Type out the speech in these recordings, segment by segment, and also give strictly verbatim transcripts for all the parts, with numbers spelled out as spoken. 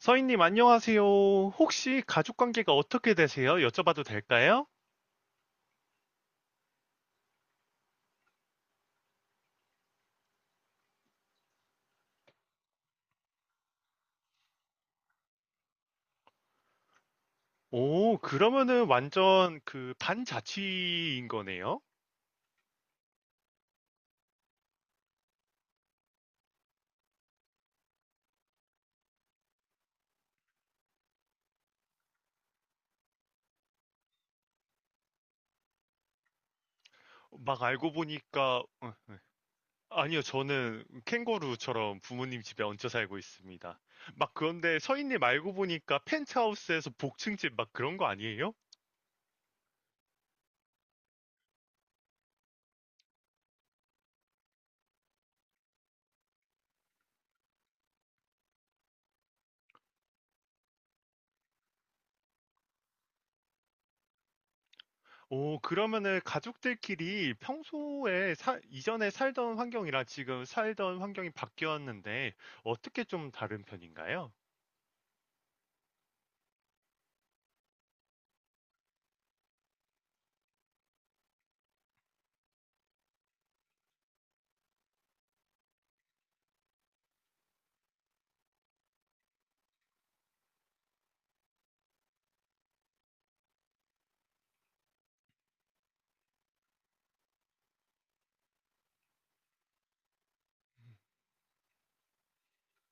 서인님, 안녕하세요. 혹시 가족 관계가 어떻게 되세요? 여쭤봐도 될까요? 오, 그러면은 완전 그 반자취인 거네요? 막 알고 보니까, 어, 아니요, 저는 캥거루처럼 부모님 집에 얹혀 살고 있습니다. 막 그런데 서인님 알고 보니까 펜트하우스에서 복층집 막 그런 거 아니에요? 오, 그러면은 가족들끼리 평소에 사- 이전에 살던 환경이랑 지금 살던 환경이 바뀌었는데 어떻게 좀 다른 편인가요?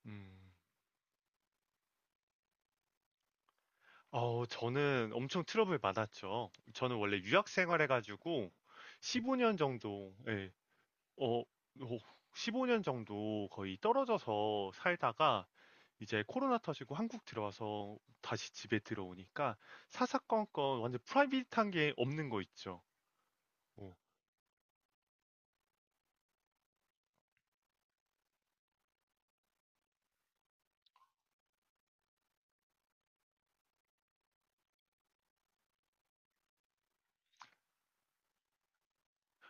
음. 어 저는 엄청 트러블 많았죠. 저는 원래 유학 생활해가지고 십오 년 정도, 예, 어, 어, 십오 년 정도 거의 떨어져서 살다가 이제 코로나 터지고 한국 들어와서 다시 집에 들어오니까 사사건건 완전 프라이빗한 게 없는 거 있죠. 어,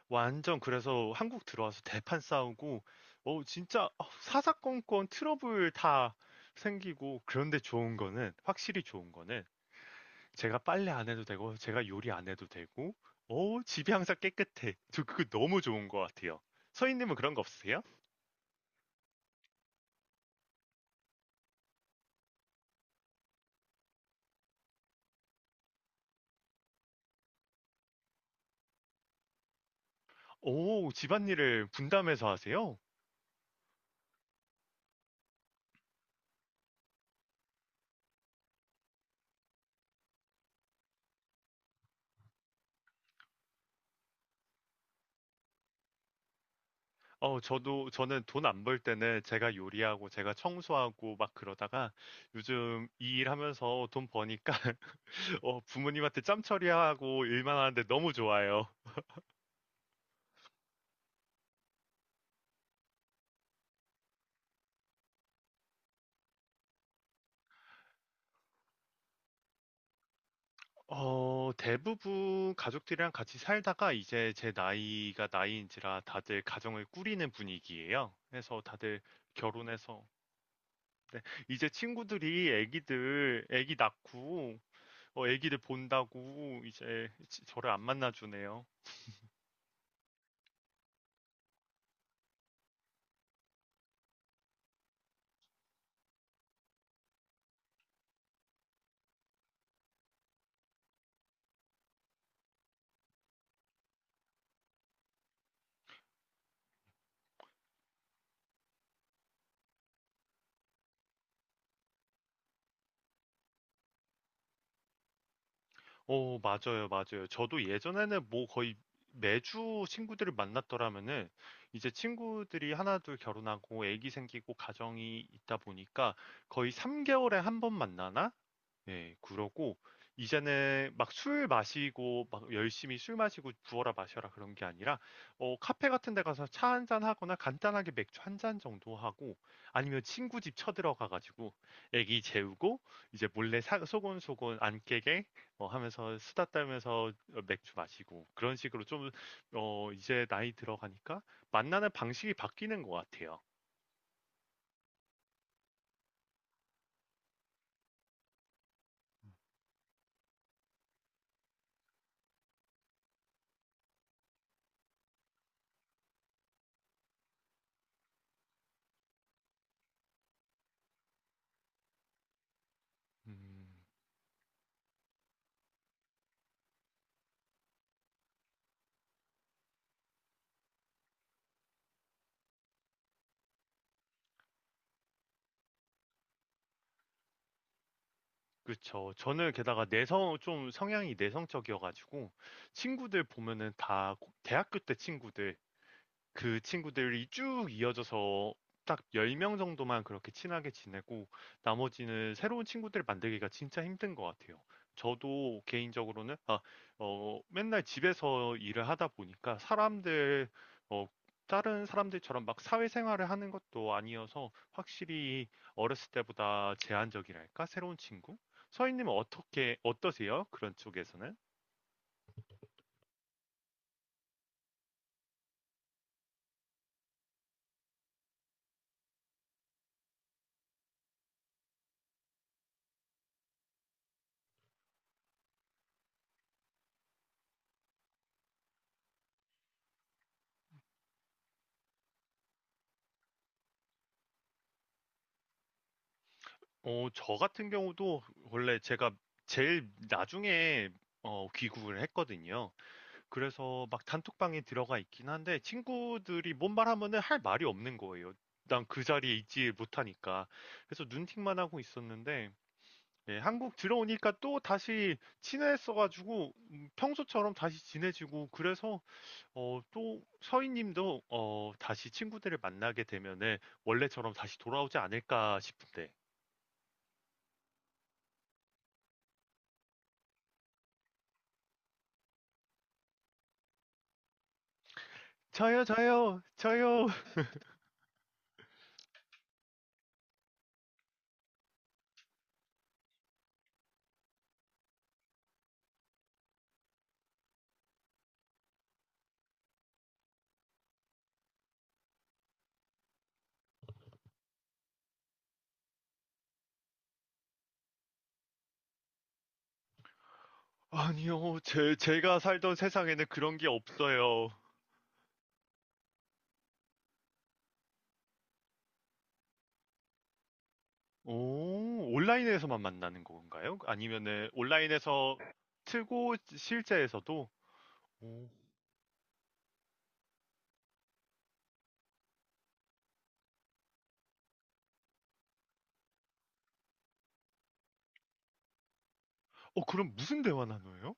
완전 그래서 한국 들어와서 대판 싸우고, 어, 진짜 어, 사사건건 트러블 다 생기고, 그런데 좋은 거는, 확실히 좋은 거는 제가 빨래 안 해도 되고, 제가 요리 안 해도 되고, 오, 집이 항상 깨끗해. 저 그거 너무 좋은 것 같아요. 서인님은 그런 거 없으세요? 오, 집안일을 분담해서 하세요? 어, 저도, 저는 돈 안 벌 때는 제가 요리하고, 제가 청소하고 막 그러다가, 요즘 이 일 하면서 돈 버니까, 어, 부모님한테 짬 처리하고 일만 하는데 너무 좋아요. 어, 대부분 가족들이랑 같이 살다가 이제 제 나이가 나이인지라 다들 가정을 꾸리는 분위기예요. 그래서 다들 결혼해서 네, 이제 친구들이 애기들 애기 낳고 어, 애기들 본다고 이제 지- 저를 안 만나주네요. 어, 맞아요, 맞아요. 저도 예전에는 뭐 거의 매주 친구들을 만났더라면은 이제 친구들이 하나 둘 결혼하고 애기 생기고 가정이 있다 보니까 거의 삼 개월에 한 번 만나나? 예, 그러고 이제는 막 술 마시고 막 열심히 술 마시고 부어라 마셔라 그런 게 아니라 어, 카페 같은 데 가서 차 한 잔 하거나 간단하게 맥주 한 잔 정도 하고 아니면 친구 집 쳐들어가 가지고 애기 재우고 이제 몰래 사, 소곤소곤 안 깨게 어, 하면서 수다 떨면서 맥주 마시고 그런 식으로 좀 어, 이제 나이 들어가니까 만나는 방식이 바뀌는 것 같아요. 음. 그쵸. 저는 게다가 내성 좀 성향이 내성적이어가지고 친구들 보면은 다 고- 대학교 때 친구들 그 친구들이 쭉 이어져서 딱 열 명 정도만 그렇게 친하게 지내고 나머지는 새로운 친구들 만들기가 진짜 힘든 것 같아요. 저도 개인적으로는 아, 어, 맨날 집에서 일을 하다 보니까 사람들 어, 다른 사람들처럼 막 사회생활을 하는 것도 아니어서 확실히 어렸을 때보다 제한적이랄까? 새로운 친구? 서인님은 어떻게 어떠세요? 그런 쪽에서는? 어, 저 같은 경우도 원래 제가 제일 나중에 어, 귀국을 했거든요. 그래서 막 단톡방에 들어가 있긴 한데 친구들이 뭔 말하면은 할 말이 없는 거예요. 난 그 자리에 있지 못하니까. 그래서 눈팅만 하고 있었는데 예, 한국 들어오니까 또 다시 친해져가지고 음, 평소처럼 다시 지내지고 그래서 어, 또 서희님도 어, 다시 친구들을 만나게 되면은 원래처럼 다시 돌아오지 않을까 싶은데. 저요, 저요, 저요. 아니요, 제, 제가 살던 세상에는 그런 게 없어요. 오, 온라인에서만 만나는 건가요? 아니면은 온라인에서 틀고 실제에서도? 오, 어, 그럼 무슨 대화 나눠요?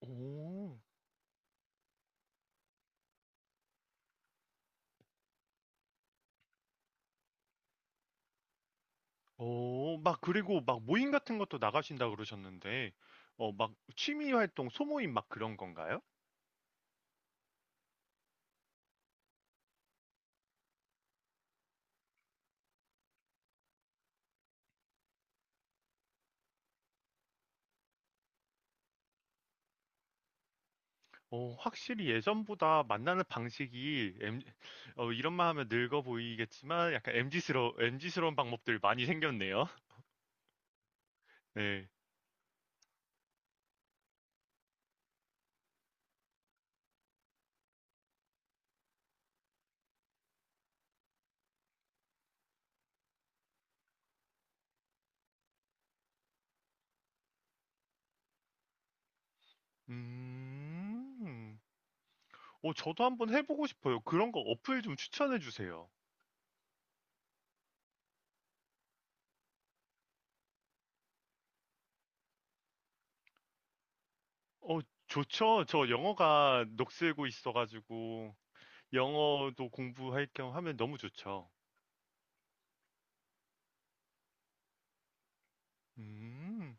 오, 어, 막 그리고 막 모임 같은 것도 나가신다 그러셨는데, 어, 막 취미 활동, 소모임 막 그런 건가요? 어, 확실히 예전보다 만나는 방식이 m 어, 이런 말 하면 늙어 보이겠지만 약간 m 지스러 엠지스러운 방법들 많이 생겼네요. 네. 음, 어, 저도 한번 해보고 싶어요. 그런 거 어플 좀 추천해 주세요. 어, 좋죠. 저 영어가 녹슬고 있어가지고 영어도 공부할 겸 하면 너무 좋죠. 음,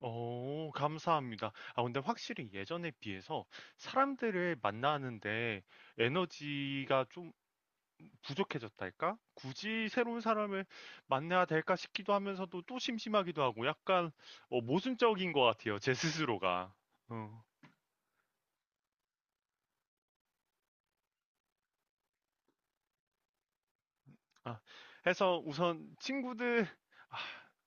어 감사합니다. 아 근데 확실히 예전에 비해서 사람들을 만나는데 에너지가 좀 부족해졌달까? 굳이 새로운 사람을 만나야 될까 싶기도 하면서도 또 심심하기도 하고 약간 어, 모순적인 것 같아요. 제 스스로가. 어, 아, 해서 우선 친구들, 아,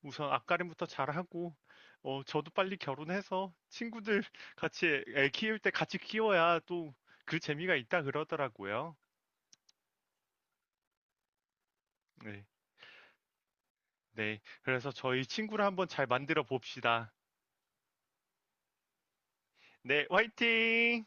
우선 앞가림부터 잘하고, 어, 저도 빨리 결혼해서 친구들 같이 애 키울 때 같이 키워야 또 그 재미가 있다 그러더라고요. 네. 네. 그래서 저희 친구를 한번 잘 만들어 봅시다. 네, 화이팅!